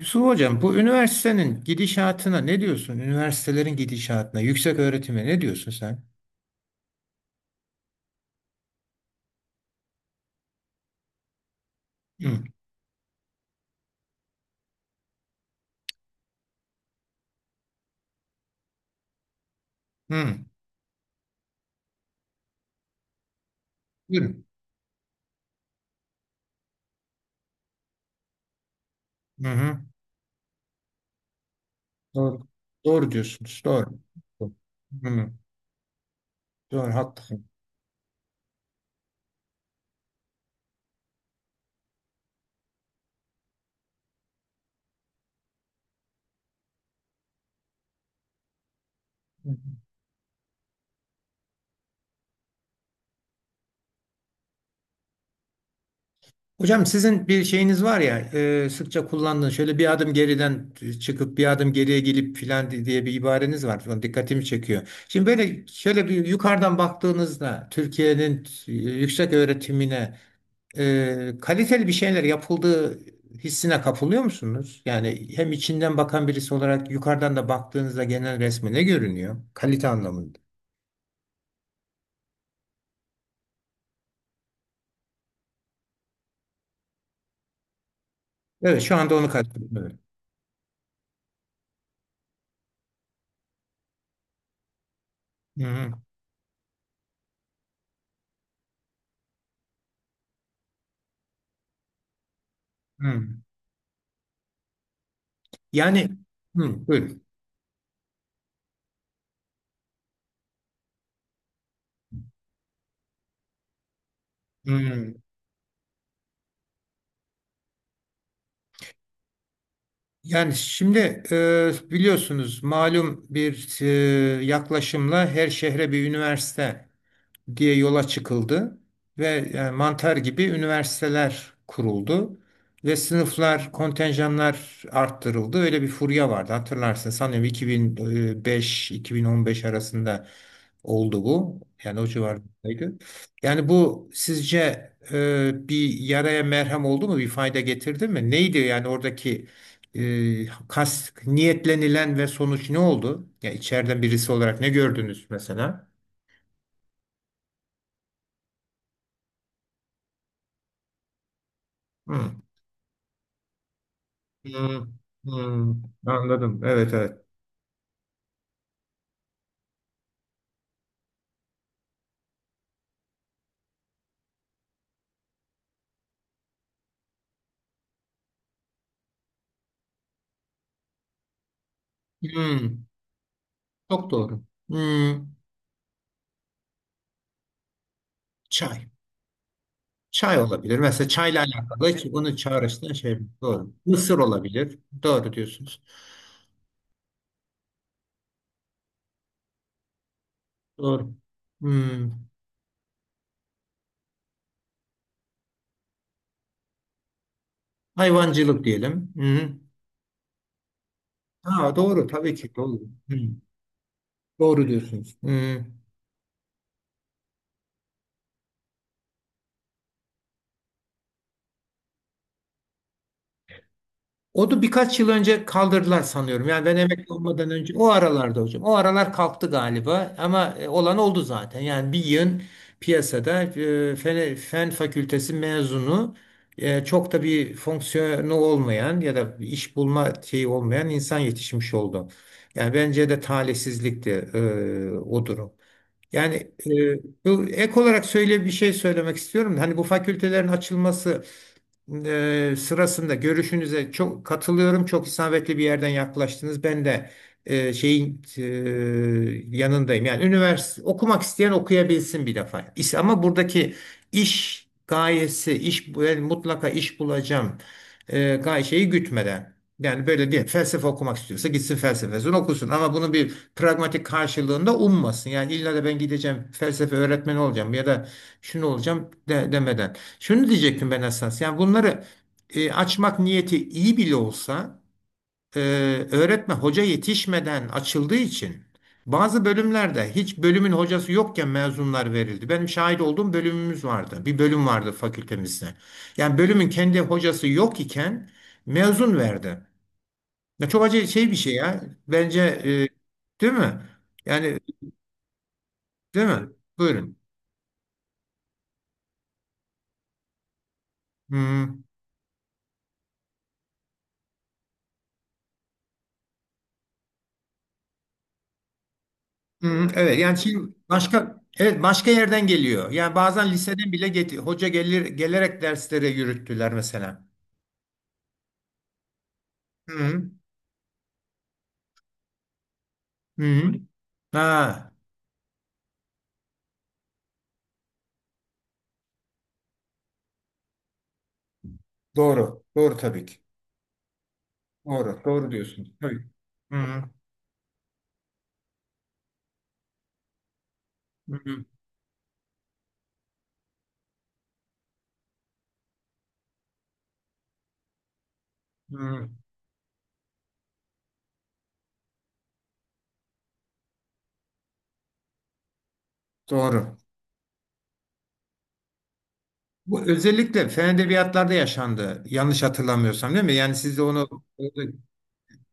Yusuf Hocam, bu üniversitenin gidişatına ne diyorsun? Üniversitelerin gidişatına, yüksek öğretime ne diyorsun sen? Hı, hı, buyurun. Hı hı. Doğru. Doğru diyorsunuz. Doğru. Hı, doğru, haklısın. Hı hı. Hocam sizin bir şeyiniz var ya, sıkça kullandığınız şöyle bir adım geriden çıkıp bir adım geriye gelip filan diye bir ibareniz var. Falan dikkatimi çekiyor. Şimdi böyle şöyle bir yukarıdan baktığınızda Türkiye'nin yüksek öğretimine kaliteli bir şeyler yapıldığı hissine kapılıyor musunuz? Yani hem içinden bakan birisi olarak yukarıdan da baktığınızda genel resme ne görünüyor? Kalite anlamında. Evet, şu anda onu kastediyorum. Evet. Hı hı. Hı. Yani hı, buyurun. Hı. Yani şimdi biliyorsunuz malum bir yaklaşımla her şehre bir üniversite diye yola çıkıldı ve yani mantar gibi üniversiteler kuruldu ve sınıflar, kontenjanlar arttırıldı. Öyle bir furya vardı hatırlarsın. Sanıyorum 2005-2015 arasında oldu bu. Yani o civardaydı. Yani bu sizce bir yaraya merhem oldu mu? Bir fayda getirdi mi? Neydi yani oradaki e, kas niyetlenilen ve sonuç ne oldu? Ya içeriden birisi olarak ne gördünüz mesela? Hı. Hmm, hmm, anladım. Evet, evet. Hmm. Çok doğru. Hmm, çay. Çay olabilir. Mesela çayla alakalı ki onu çağrıştıran şey. Doğru. Mısır olabilir. Doğru diyorsunuz. Doğru. Hmm, hayvancılık diyelim. Hmm. Ha, doğru, tabii ki doğru. Hmm, doğru diyorsunuz. Hmm. Onu birkaç yıl önce kaldırdılar sanıyorum. Yani ben emekli olmadan önce o aralarda hocam. O aralar kalktı galiba ama olan oldu zaten. Yani bir yığın piyasada fen fakültesi mezunu, çok da bir fonksiyonu olmayan ya da bir iş bulma şeyi olmayan insan yetişmiş oldu. Yani bence de talihsizlikti o durum. Yani e, bu ek olarak söyle bir şey söylemek istiyorum. Hani bu fakültelerin açılması sırasında görüşünüze çok katılıyorum. Çok isabetli bir yerden yaklaştınız. Ben de şeyin yanındayım. Yani üniversite okumak isteyen okuyabilsin bir defa. Ama buradaki iş gayesi, iş ben mutlaka iş bulacağım, e, gay şeyi gütmeden. Yani böyle diye felsefe okumak istiyorsa gitsin felsefesini okusun ama bunu bir pragmatik karşılığında ummasın. Yani illa da ben gideceğim, felsefe öğretmeni olacağım ya da şunu olacağım demeden. Şunu diyecektim ben esas. Yani bunları açmak niyeti iyi bile olsa, e, öğretmen hoca yetişmeden açıldığı için bazı bölümlerde hiç bölümün hocası yokken mezunlar verildi. Benim şahit olduğum bölümümüz vardı. Bir bölüm vardı fakültemizde. Yani bölümün kendi hocası yok iken mezun verdi. Ya çok acı şey bir şey ya. Bence, değil mi? Yani, değil mi? Buyurun. Hı. Hı, evet, yani şimdi başka, evet, başka yerden geliyor. Yani bazen liseden bile hoca gelir, gelerek derslere yürüttüler mesela. Hı, hı. Ha, doğru. Doğru tabii ki. Doğru. Doğru diyorsun. Tabii. Hı, hı, hı. Hı. Hı. Doğru. Bu özellikle fen edebiyatlarda yaşandı. Yanlış hatırlamıyorsam, değil mi? Yani siz de onu,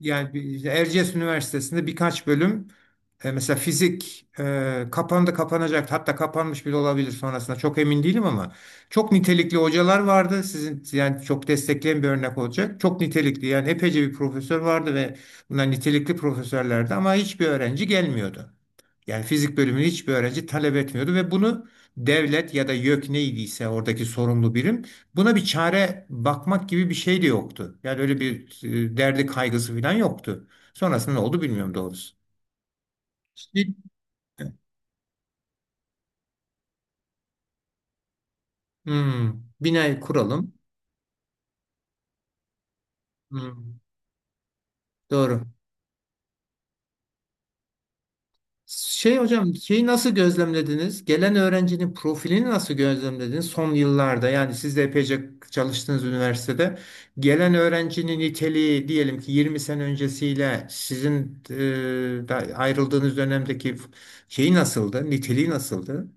yani işte Erciyes Üniversitesi'nde birkaç bölüm, mesela fizik, kapandı, kapanacak, hatta kapanmış bile olabilir sonrasında, çok emin değilim ama çok nitelikli hocalar vardı sizin, yani çok destekleyen bir örnek olacak, çok nitelikli yani epeyce bir profesör vardı ve bunlar nitelikli profesörlerdi ama hiçbir öğrenci gelmiyordu. Yani fizik bölümünü hiçbir öğrenci talep etmiyordu ve bunu devlet ya da YÖK neydiyse oradaki sorumlu birim buna bir çare bakmak gibi bir şey de yoktu. Yani öyle bir derdi, kaygısı falan yoktu. Sonrasında ne oldu bilmiyorum doğrusu. Şimdi- Hmm, bina kuralım. Hmm, doğru. Şey hocam, şeyi nasıl gözlemlediniz? Gelen öğrencinin profilini nasıl gözlemlediniz? Son yıllarda yani siz de epeyce çalıştığınız üniversitede gelen öğrencinin niteliği, diyelim ki 20 sene öncesiyle sizin da ayrıldığınız dönemdeki şeyi nasıldı? Niteliği nasıldı?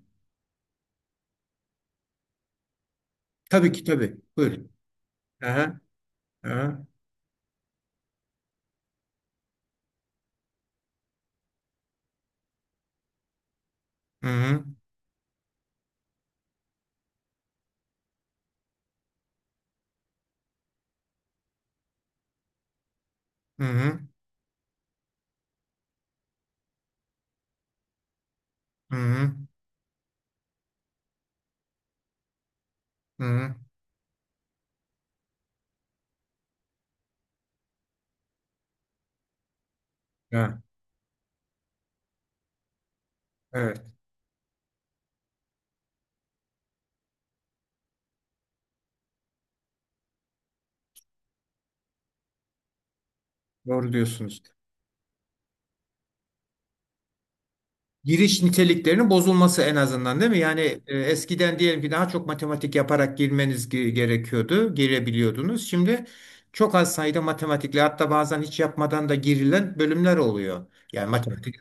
Tabii ki tabii. Buyurun. Aha, aha. Hı hı, hı hı, hı hı, hı hı. Ha, evet, doğru diyorsunuz. Giriş niteliklerinin bozulması en azından, değil mi? Yani, eskiden diyelim ki daha çok matematik yaparak girmeniz gerekiyordu, girebiliyordunuz. Şimdi çok az sayıda matematikle, hatta bazen hiç yapmadan da girilen bölümler oluyor. Yani matematik.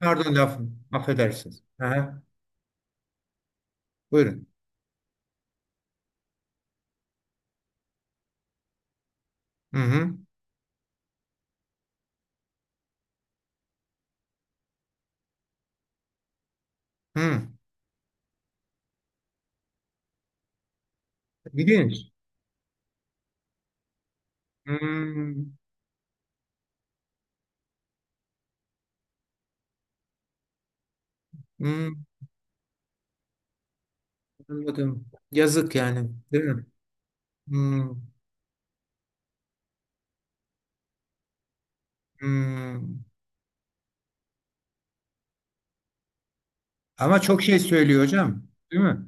Pardon laf, affedersiniz. Aha, buyurun. Hı hı. Hı. İlginç. Hı, hı, anladım. Yazık yani, değil mi? Hı, hı. Ama çok şey söylüyor hocam, değil mi?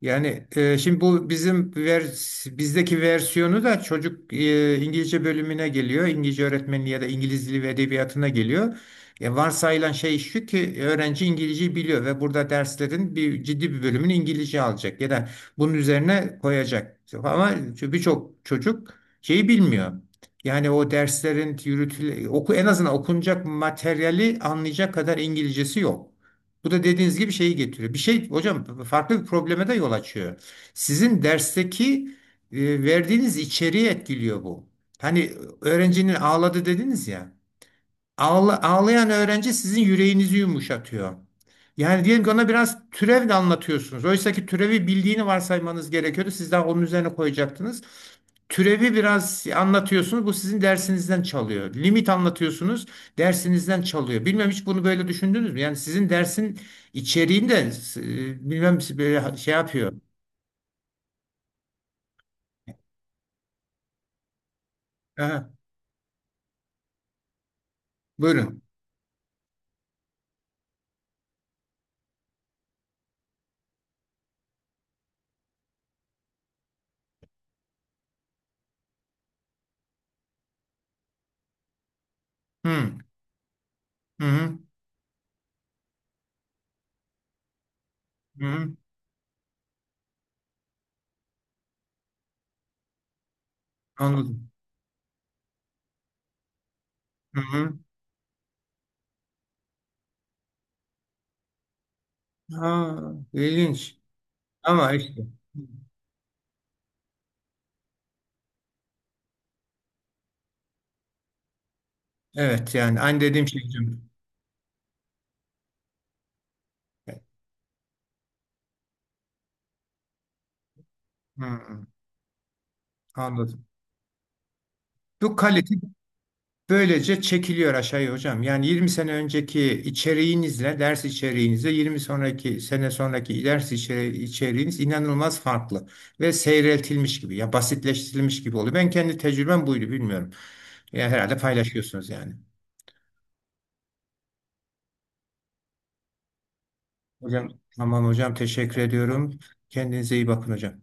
Yani, şimdi bu bizim bizdeki versiyonu da, çocuk, İngilizce bölümüne geliyor. İngilizce öğretmenliği ya da İngiliz dili ve edebiyatına geliyor. Varsayılan şey şu ki öğrenci İngilizceyi biliyor ve burada derslerin ciddi bir bölümünü İngilizce alacak ya da bunun üzerine koyacak. Ama birçok çocuk şeyi bilmiyor. Yani o derslerin yürütüle oku en azından okunacak materyali anlayacak kadar İngilizcesi yok. Bu da dediğiniz gibi şeyi getiriyor. Bir şey hocam, farklı bir probleme de yol açıyor. Sizin dersteki verdiğiniz içeriği etkiliyor bu. Hani öğrencinin ağladı dediniz ya. Ağlayan öğrenci sizin yüreğinizi yumuşatıyor. Yani diyelim ki ona biraz türev de anlatıyorsunuz. Oysa ki türevi bildiğini varsaymanız gerekiyordu. Siz daha onun üzerine koyacaktınız. Türevi biraz anlatıyorsunuz. Bu sizin dersinizden çalıyor. Limit anlatıyorsunuz. Dersinizden çalıyor. Bilmem hiç bunu böyle düşündünüz mü? Yani sizin dersin içeriğinde, bilmem, böyle şey yapıyor. Aha, buyurun. Hı, hı, hı, hı, anladım. Hı, hı. Ha, ilginç. Ama işte. Evet, yani aynı dediğim şey hocam. Hmm, anladım. Bu kalite böylece çekiliyor aşağıya hocam. Yani 20 sene önceki ders içeriğinizle, 20 sonraki sene sonraki ders içeriğiniz inanılmaz farklı ve seyreltilmiş gibi, ya basitleştirilmiş gibi oluyor. Ben kendi tecrübem buydu, bilmiyorum. Ya herhalde paylaşıyorsunuz yani. Hocam tamam hocam, teşekkür ediyorum. Kendinize iyi bakın hocam.